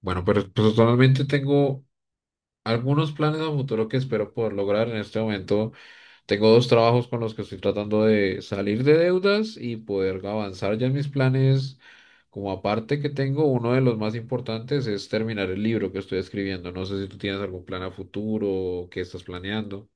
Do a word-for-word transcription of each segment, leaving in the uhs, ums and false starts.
Bueno, pero personalmente tengo algunos planes a futuro que espero poder lograr en este momento. Tengo dos trabajos con los que estoy tratando de salir de deudas y poder avanzar ya en mis planes. Como aparte que tengo, uno de los más importantes es terminar el libro que estoy escribiendo. No sé si tú tienes algún plan a futuro o qué estás planeando.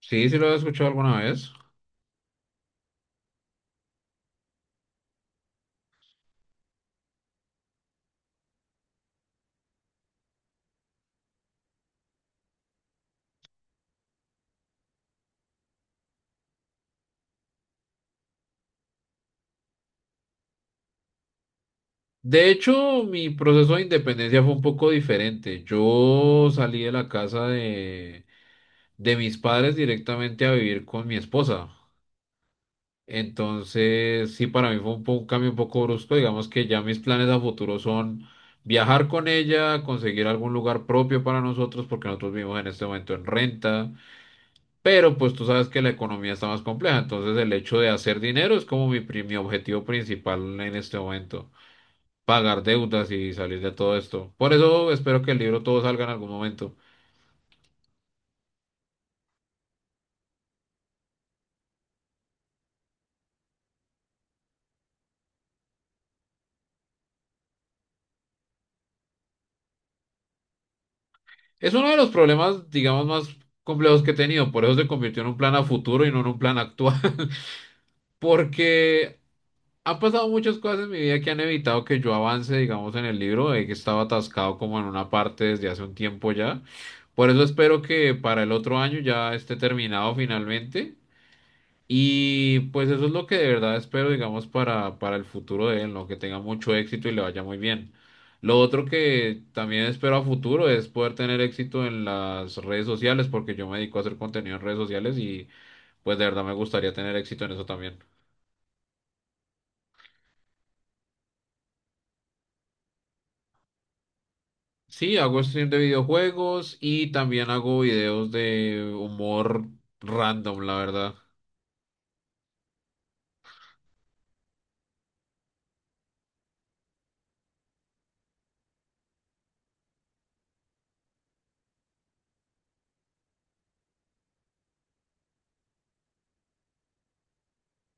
Sí, sí lo he escuchado alguna vez. De hecho, mi proceso de independencia fue un poco diferente. Yo salí de la casa de... de mis padres directamente a vivir con mi esposa. Entonces, sí, para mí fue un, po- un cambio un poco brusco. Digamos que ya mis planes a futuro son viajar con ella, conseguir algún lugar propio para nosotros, porque nosotros vivimos en este momento en renta. Pero pues tú sabes que la economía está más compleja, entonces el hecho de hacer dinero es como mi, pri- mi objetivo principal en este momento, pagar deudas y salir de todo esto. Por eso espero que el libro todo salga en algún momento. Es uno de los problemas, digamos, más complejos que he tenido, por eso se convirtió en un plan a futuro y no en un plan actual, porque han pasado muchas cosas en mi vida que han evitado que yo avance, digamos, en el libro, de que estaba atascado como en una parte desde hace un tiempo ya. Por eso espero que para el otro año ya esté terminado finalmente. Y pues eso es lo que de verdad espero, digamos, para, para el futuro de él, ¿no? Que tenga mucho éxito y le vaya muy bien. Lo otro que también espero a futuro es poder tener éxito en las redes sociales, porque yo me dedico a hacer contenido en redes sociales y pues de verdad me gustaría tener éxito en eso también. Sí, hago stream de videojuegos y también hago videos de humor random, la verdad.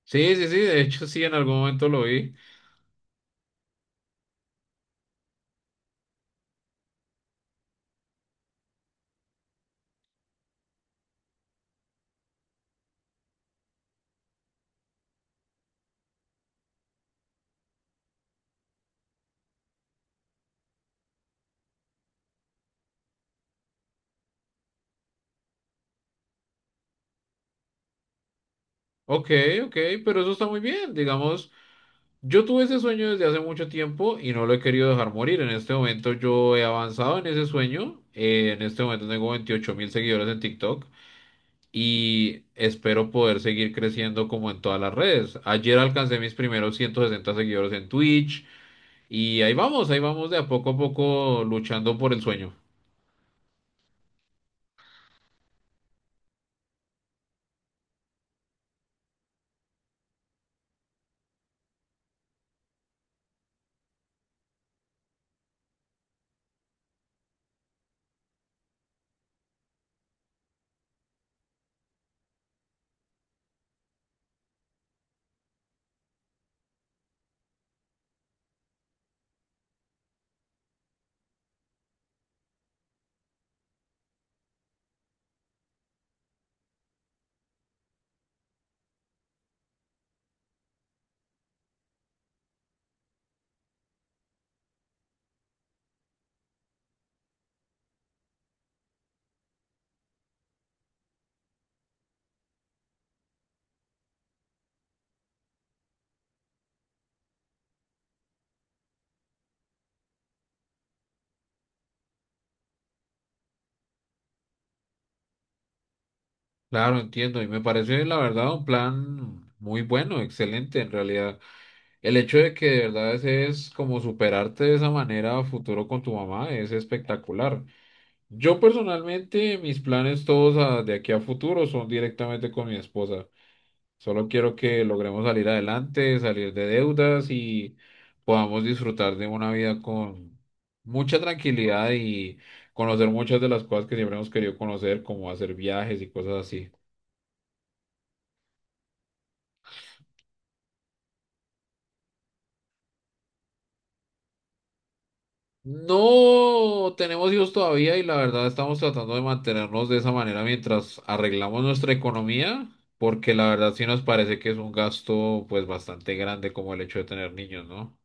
Sí, sí, sí, de hecho sí, en algún momento lo vi. Ok, ok, pero eso está muy bien. Digamos, yo tuve ese sueño desde hace mucho tiempo y no lo he querido dejar morir. En este momento yo he avanzado en ese sueño. Eh, en este momento tengo veintiocho mil seguidores en TikTok y espero poder seguir creciendo como en todas las redes. Ayer alcancé mis primeros ciento sesenta seguidores en Twitch y ahí vamos, ahí vamos de a poco a poco luchando por el sueño. Claro, entiendo y me parece la verdad un plan muy bueno, excelente en realidad. El hecho de que de verdad es como superarte de esa manera a futuro con tu mamá es espectacular. Yo personalmente, mis planes todos a- de aquí a futuro son directamente con mi esposa. Solo quiero que logremos salir adelante, salir de deudas y podamos disfrutar de una vida con mucha tranquilidad y conocer muchas de las cosas que siempre hemos querido conocer, como hacer viajes y cosas así. No tenemos hijos todavía y la verdad estamos tratando de mantenernos de esa manera mientras arreglamos nuestra economía, porque la verdad sí nos parece que es un gasto pues bastante grande como el hecho de tener niños, ¿no?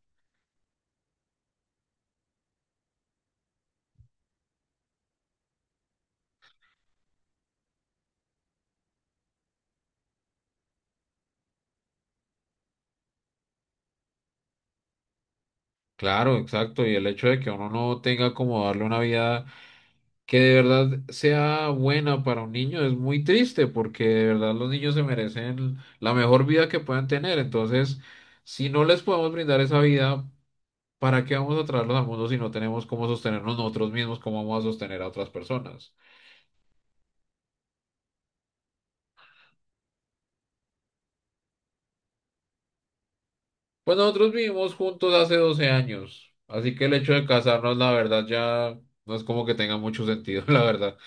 Claro, exacto, y el hecho de que uno no tenga como darle una vida que de verdad sea buena para un niño es muy triste porque de verdad los niños se merecen la mejor vida que puedan tener, entonces si no les podemos brindar esa vida. ¿Para qué vamos a traerlos al mundo si no tenemos cómo sostenernos nosotros mismos? ¿Cómo vamos a sostener a otras personas? Pues nosotros vivimos juntos hace doce años, así que el hecho de casarnos, la verdad, ya no es como que tenga mucho sentido, la verdad.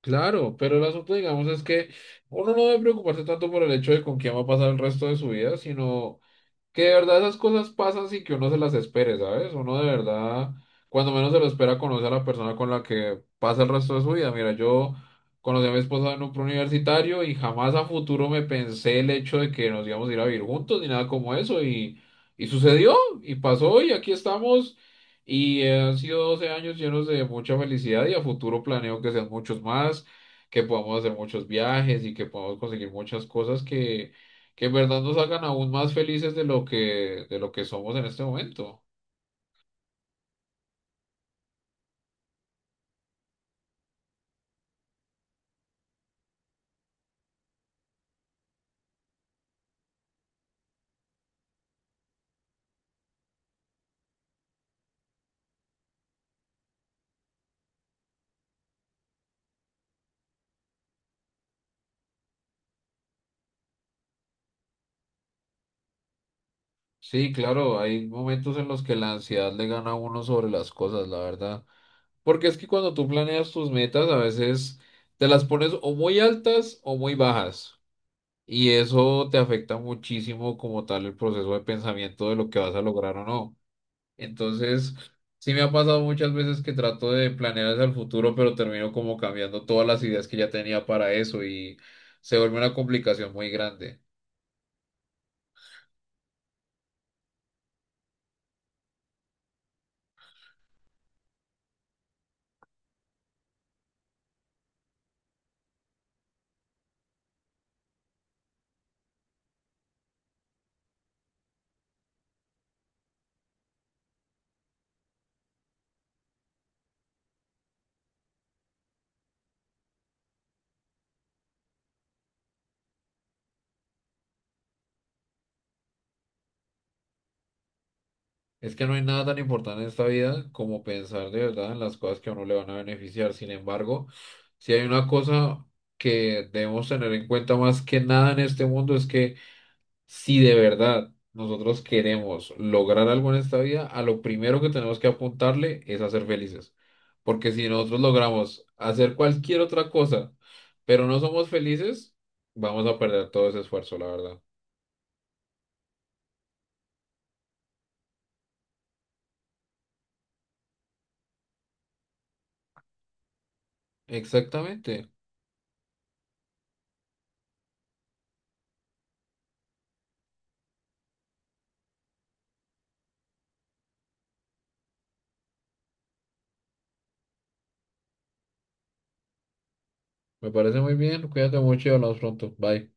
Claro, pero el asunto, digamos, es que uno no debe preocuparse tanto por el hecho de con quién va a pasar el resto de su vida, sino que de verdad esas cosas pasan sin que uno se las espere, ¿sabes? Uno de verdad, cuando menos se lo espera, conoce a la persona con la que pasa el resto de su vida. Mira, yo conocí a mi esposa en un preuniversitario y jamás a futuro me pensé el hecho de que nos íbamos a ir a vivir juntos ni nada como eso. Y, y sucedió, y pasó, y aquí estamos. Y eh, han sido doce años llenos de mucha felicidad y a futuro planeo que sean muchos más, que podamos hacer muchos viajes y que podamos conseguir muchas cosas que que en verdad nos hagan aún más felices de lo que, de lo que somos en este momento. Sí, claro, hay momentos en los que la ansiedad le gana a uno sobre las cosas, la verdad. Porque es que cuando tú planeas tus metas, a veces te las pones o muy altas o muy bajas. Y eso te afecta muchísimo como tal el proceso de pensamiento de lo que vas a lograr o no. Entonces, sí me ha pasado muchas veces que trato de planear hacia el futuro, pero termino como cambiando todas las ideas que ya tenía para eso y se vuelve una complicación muy grande. Es que no hay nada tan importante en esta vida como pensar de verdad en las cosas que a uno le van a beneficiar. Sin embargo, si hay una cosa que debemos tener en cuenta más que nada en este mundo es que si de verdad nosotros queremos lograr algo en esta vida, a lo primero que tenemos que apuntarle es a ser felices. Porque si nosotros logramos hacer cualquier otra cosa, pero no somos felices, vamos a perder todo ese esfuerzo, la verdad. Exactamente. Me parece muy bien. Cuídate mucho y hablamos pronto. Bye.